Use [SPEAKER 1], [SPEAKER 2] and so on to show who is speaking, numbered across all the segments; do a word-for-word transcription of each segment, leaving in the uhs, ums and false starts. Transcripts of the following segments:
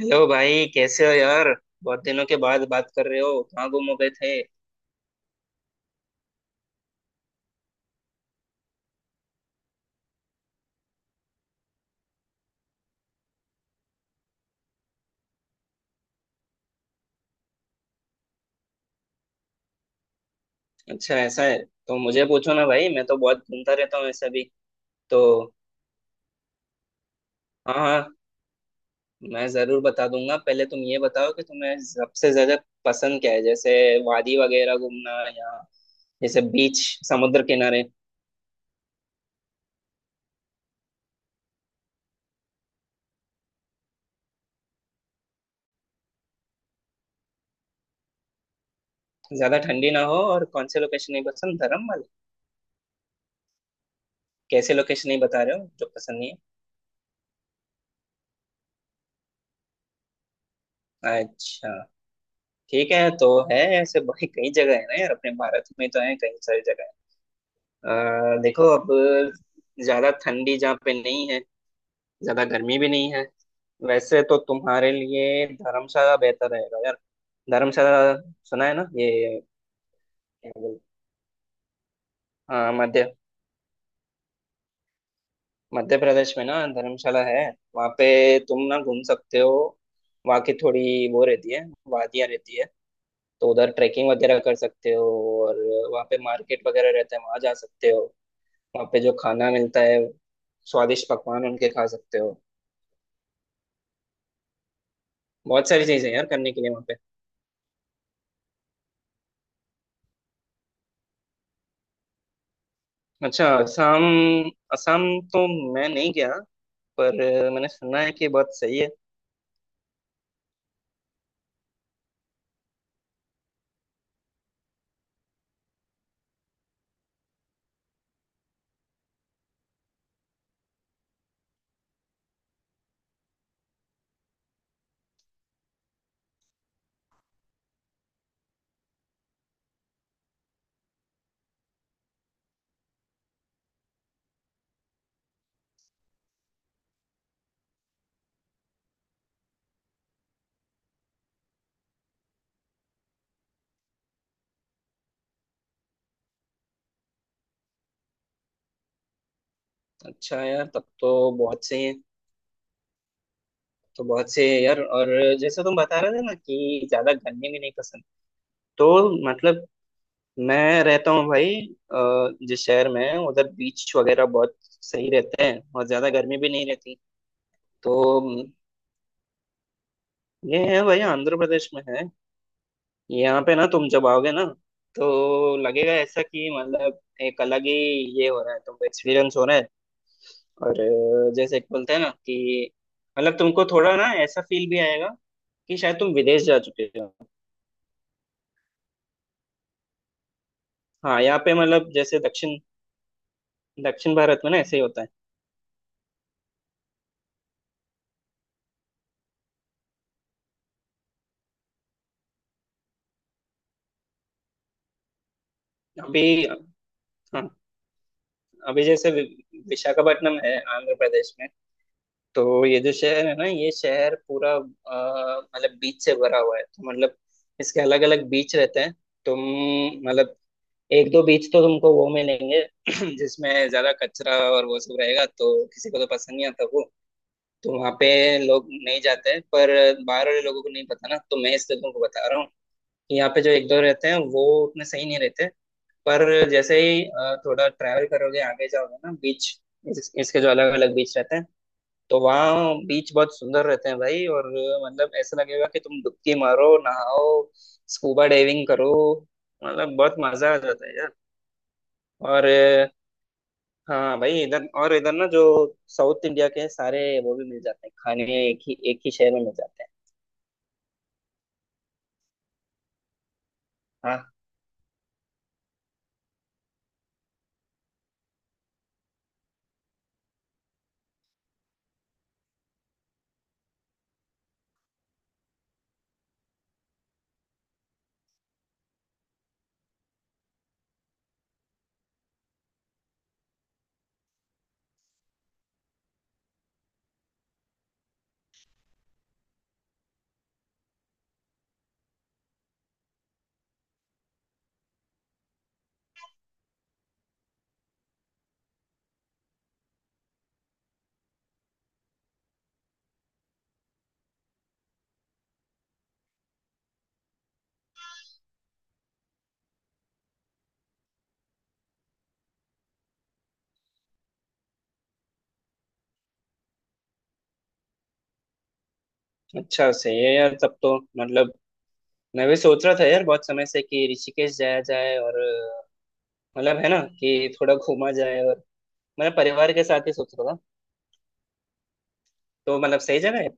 [SPEAKER 1] Hello भाई, कैसे हो यार? बहुत दिनों के बाद बात कर रहे हो, कहाँ गुम हो गए थे? अच्छा, ऐसा है तो मुझे पूछो ना भाई, मैं तो बहुत घूमता रहता हूँ ऐसा भी। तो हाँ हाँ, मैं जरूर बता दूंगा। पहले तुम ये बताओ कि तुम्हें सबसे ज्यादा पसंद क्या है, जैसे वादी वगैरह घूमना या जैसे बीच, समुद्र किनारे। ज्यादा ठंडी ना हो, और कौन से लोकेशन नहीं पसंद, धर्म वाले? कैसे लोकेशन नहीं बता रहे हो जो पसंद नहीं है? अच्छा, ठीक है। तो है ऐसे भाई, कई जगह है ना यार, अपने भारत में तो है कई सारी जगह। अ, देखो अब, ज्यादा ठंडी जहाँ पे नहीं है, ज्यादा गर्मी भी नहीं है, वैसे तो तुम्हारे लिए धर्मशाला बेहतर रहेगा यार। धर्मशाला, सुना है ना ये? क्या बोल। हाँ, मध्य मध्य प्रदेश में ना धर्मशाला है। वहाँ पे तुम ना घूम सकते हो, वहाँ की थोड़ी वो रहती है, वादियाँ रहती है। तो उधर ट्रैकिंग वगैरह कर सकते हो, और वहाँ पे मार्केट वगैरह रहता है, वहाँ जा सकते हो। वहाँ पे जो खाना मिलता है, स्वादिष्ट पकवान उनके खा सकते हो। बहुत सारी चीजें हैं यार करने के लिए वहाँ पे। अच्छा असम। असम तो मैं नहीं गया, पर अ, मैंने सुना है कि बहुत सही है। अच्छा यार, तब तो बहुत सही है। तो बहुत सही है यार। और जैसे तुम बता रहे थे ना कि ज्यादा गर्मी भी नहीं पसंद, तो मतलब मैं रहता हूँ भाई अ, जिस शहर में, उधर बीच वगैरह बहुत सही रहते हैं और ज्यादा गर्मी भी नहीं रहती। तो ये है भाई, आंध्र प्रदेश में है। यहाँ पे ना तुम जब आओगे ना, तो लगेगा ऐसा कि मतलब एक अलग ही ये हो रहा है, तुमको एक्सपीरियंस हो रहा है। और अ, जैसे एक बोलते हैं ना कि मतलब तुमको थोड़ा ना ऐसा फील भी आएगा कि शायद तुम विदेश जा चुके हो। हाँ, यहाँ पे मतलब जैसे दक्षिण दक्षिण भारत में ना ऐसे ही होता है। अभी हाँ, अभी जैसे वि- विशाखापट्टनम है आंध्र प्रदेश में। तो ये जो शहर है ना, ये शहर पूरा अ, मतलब बीच से भरा हुआ है। तो मतलब इसके अलग अलग बीच रहते हैं। तुम मतलब एक दो बीच तो तुमको वो मिलेंगे जिसमें ज्यादा कचरा और वो सब रहेगा, तो किसी को तो पसंद नहीं आता वो। तो वहाँ पे लोग नहीं जाते हैं, पर बाहर वाले लोगों को नहीं पता ना, तो मैं इसलिए तुमको बता रहा हूँ कि यहाँ पे जो एक दो रहते हैं वो उतने सही नहीं रहते। पर जैसे ही अ, थोड़ा ट्रैवल करोगे आगे जाओगे ना बीच, इस, इसके जो अलग अलग बीच रहते हैं, तो वहाँ बीच बहुत सुंदर रहते हैं भाई। और अ, मतलब ऐसा लगेगा कि तुम डुबकी मारो, नहाओ, स्कूबा डाइविंग करो। मतलब बहुत मजा आ जाता है यार। और हाँ भाई, इधर और इधर ना जो साउथ इंडिया के हैं, सारे वो भी मिल जाते हैं खाने, एक ही एक ही शहर में मिल जाते हैं। हाँ, अच्छा, सही है यार। तब तो मतलब मैं भी सोच रहा था यार बहुत समय से कि ऋषिकेश जाया जाए, और अ, मतलब है ना कि थोड़ा घूमा जाए, और मैं परिवार के साथ ही सोच रहा था। तो मतलब सही जगह है।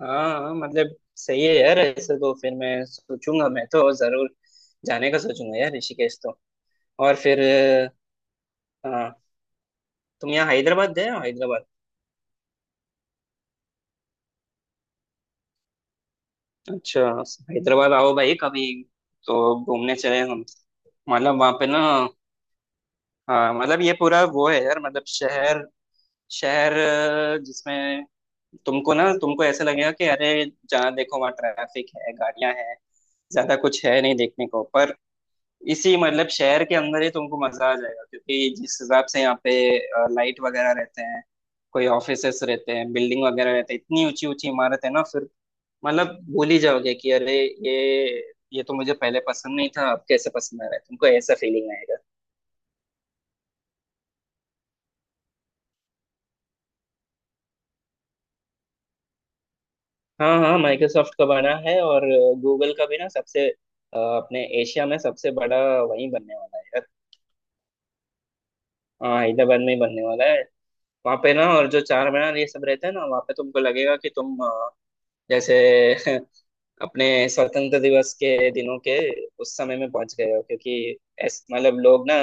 [SPEAKER 1] हाँ हाँ, मतलब सही है यार। ऐसे तो फिर मैं सोचूंगा, मैं तो जरूर जाने का सोचूंगा यार ऋषिकेश तो। और फिर अ, हाँ, तुम यहाँ हैदराबाद गए हो, हैदराबाद? अच्छा, हैदराबाद आओ भाई कभी, तो घूमने चले हम। मतलब वहाँ पे ना, हाँ मतलब ये पूरा वो है यार, मतलब शहर शहर अ, जिसमें तुमको ना, तुमको ऐसे लगेगा कि अरे जहाँ देखो वहाँ ट्रैफिक है, गाड़ियां हैं, ज्यादा कुछ है नहीं देखने को। पर इसी मतलब शहर के अंदर ही तुमको मजा आ जाएगा, क्योंकि जिस हिसाब से यहाँ पे लाइट वगैरह रहते हैं, कोई ऑफिसेस रहते हैं, बिल्डिंग वगैरह रहते हैं, इतनी ऊंची ऊंची इमारत है ना, फिर मतलब भूल ही जाओगे कि अरे ये ये तो मुझे पहले पसंद नहीं था, अब कैसे पसंद आ रहा है तुमको, ऐसा फीलिंग आएगा। हाँ हाँ, माइक्रोसॉफ्ट का बना है, और गूगल का भी ना सबसे अ, अपने एशिया में सबसे बड़ा वही बनने वाला है यार। हाँ हैदराबाद में ही बनने वाला है। वहाँ पे ना, और जो चार मीनार ये सब रहते हैं ना, वहाँ पे तुमको लगेगा कि तुम जैसे अपने स्वतंत्र दिवस के दिनों के उस समय में पहुंच गए हो, क्योंकि ऐस मतलब लोग ना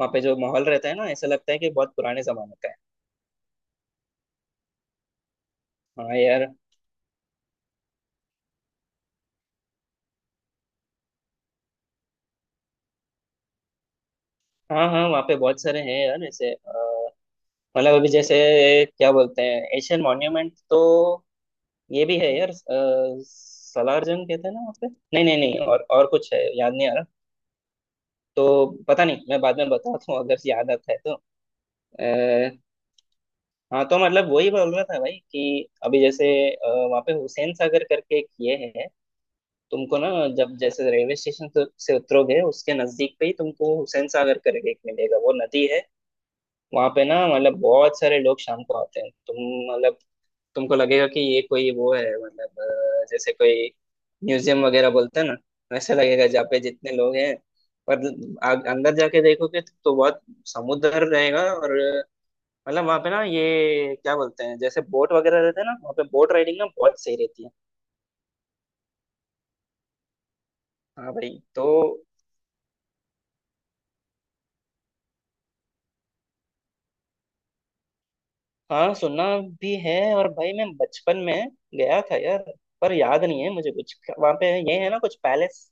[SPEAKER 1] वहाँ पे जो माहौल रहता है ना, ऐसा लगता है कि बहुत पुराने जमाने का है। हाँ यार। हाँ हाँ, वहाँ पे बहुत सारे हैं यार ऐसे। अ, मतलब अभी जैसे क्या बोलते हैं एशियन मॉन्यूमेंट, तो ये भी है यार। अ, सलार जंग कहते हैं ना वहाँ पे, नहीं नहीं नहीं, और और कुछ है याद नहीं आ रहा। तो पता नहीं, मैं बाद में बताता हूँ अगर याद आता है तो। हाँ, तो मतलब वही बोल रहा था भाई कि अभी जैसे अ, वहाँ पे हुसैन सागर करके एक ये है। तुमको ना जब जैसे रेलवे स्टेशन से से उतरोगे, उसके नजदीक पे ही तुमको हुसैन सागर करके एक मिलेगा, वो नदी है। वहाँ पे ना मतलब बहुत सारे लोग शाम को आते हैं। तुम मतलब तुमको लगेगा कि ये कोई वो है, मतलब अ, जैसे कोई म्यूजियम वगैरह बोलते हैं ना, वैसे लगेगा जहाँ पे जितने लोग हैं। पर आ- अंदर जाके देखोगे तो तो बहुत समुद्र रहेगा और मतलब वहां पे ना, ये क्या बोलते हैं, जैसे बोट वगैरह रहते हैं ना, वहां पे बोट राइडिंग ना बहुत सही रहती है। हाँ भाई। तो हाँ, सुना भी है, और भाई मैं बचपन में गया था यार, पर याद नहीं है मुझे कुछ। वहां पे ये है ना कुछ पैलेस?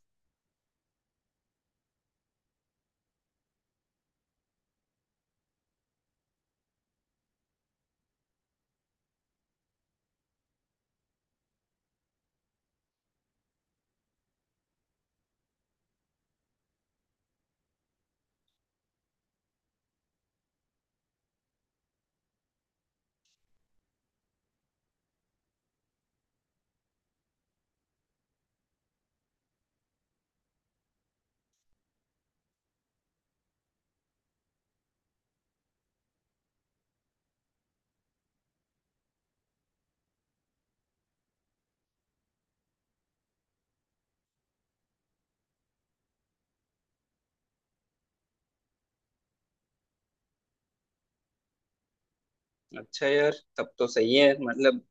[SPEAKER 1] अच्छा यार, तब तो सही है मतलब।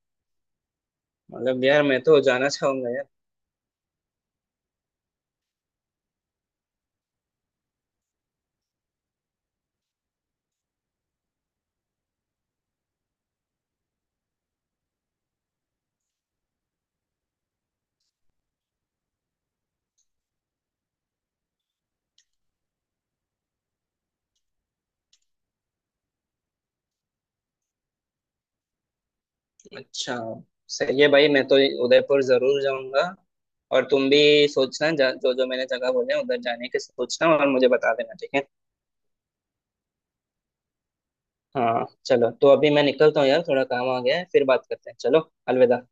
[SPEAKER 1] मतलब यार मैं तो जाना चाहूंगा। यार अच्छा, सही है भाई, मैं तो उदयपुर जरूर जाऊंगा। और तुम भी सोचना जा, जो जो मैंने जगह बोले उधर जाने के सोचना, और मुझे बता देना, ठीक है? हाँ चलो, तो अभी मैं निकलता हूँ यार, थोड़ा काम आ गया है, फिर बात करते हैं। चलो अलविदा।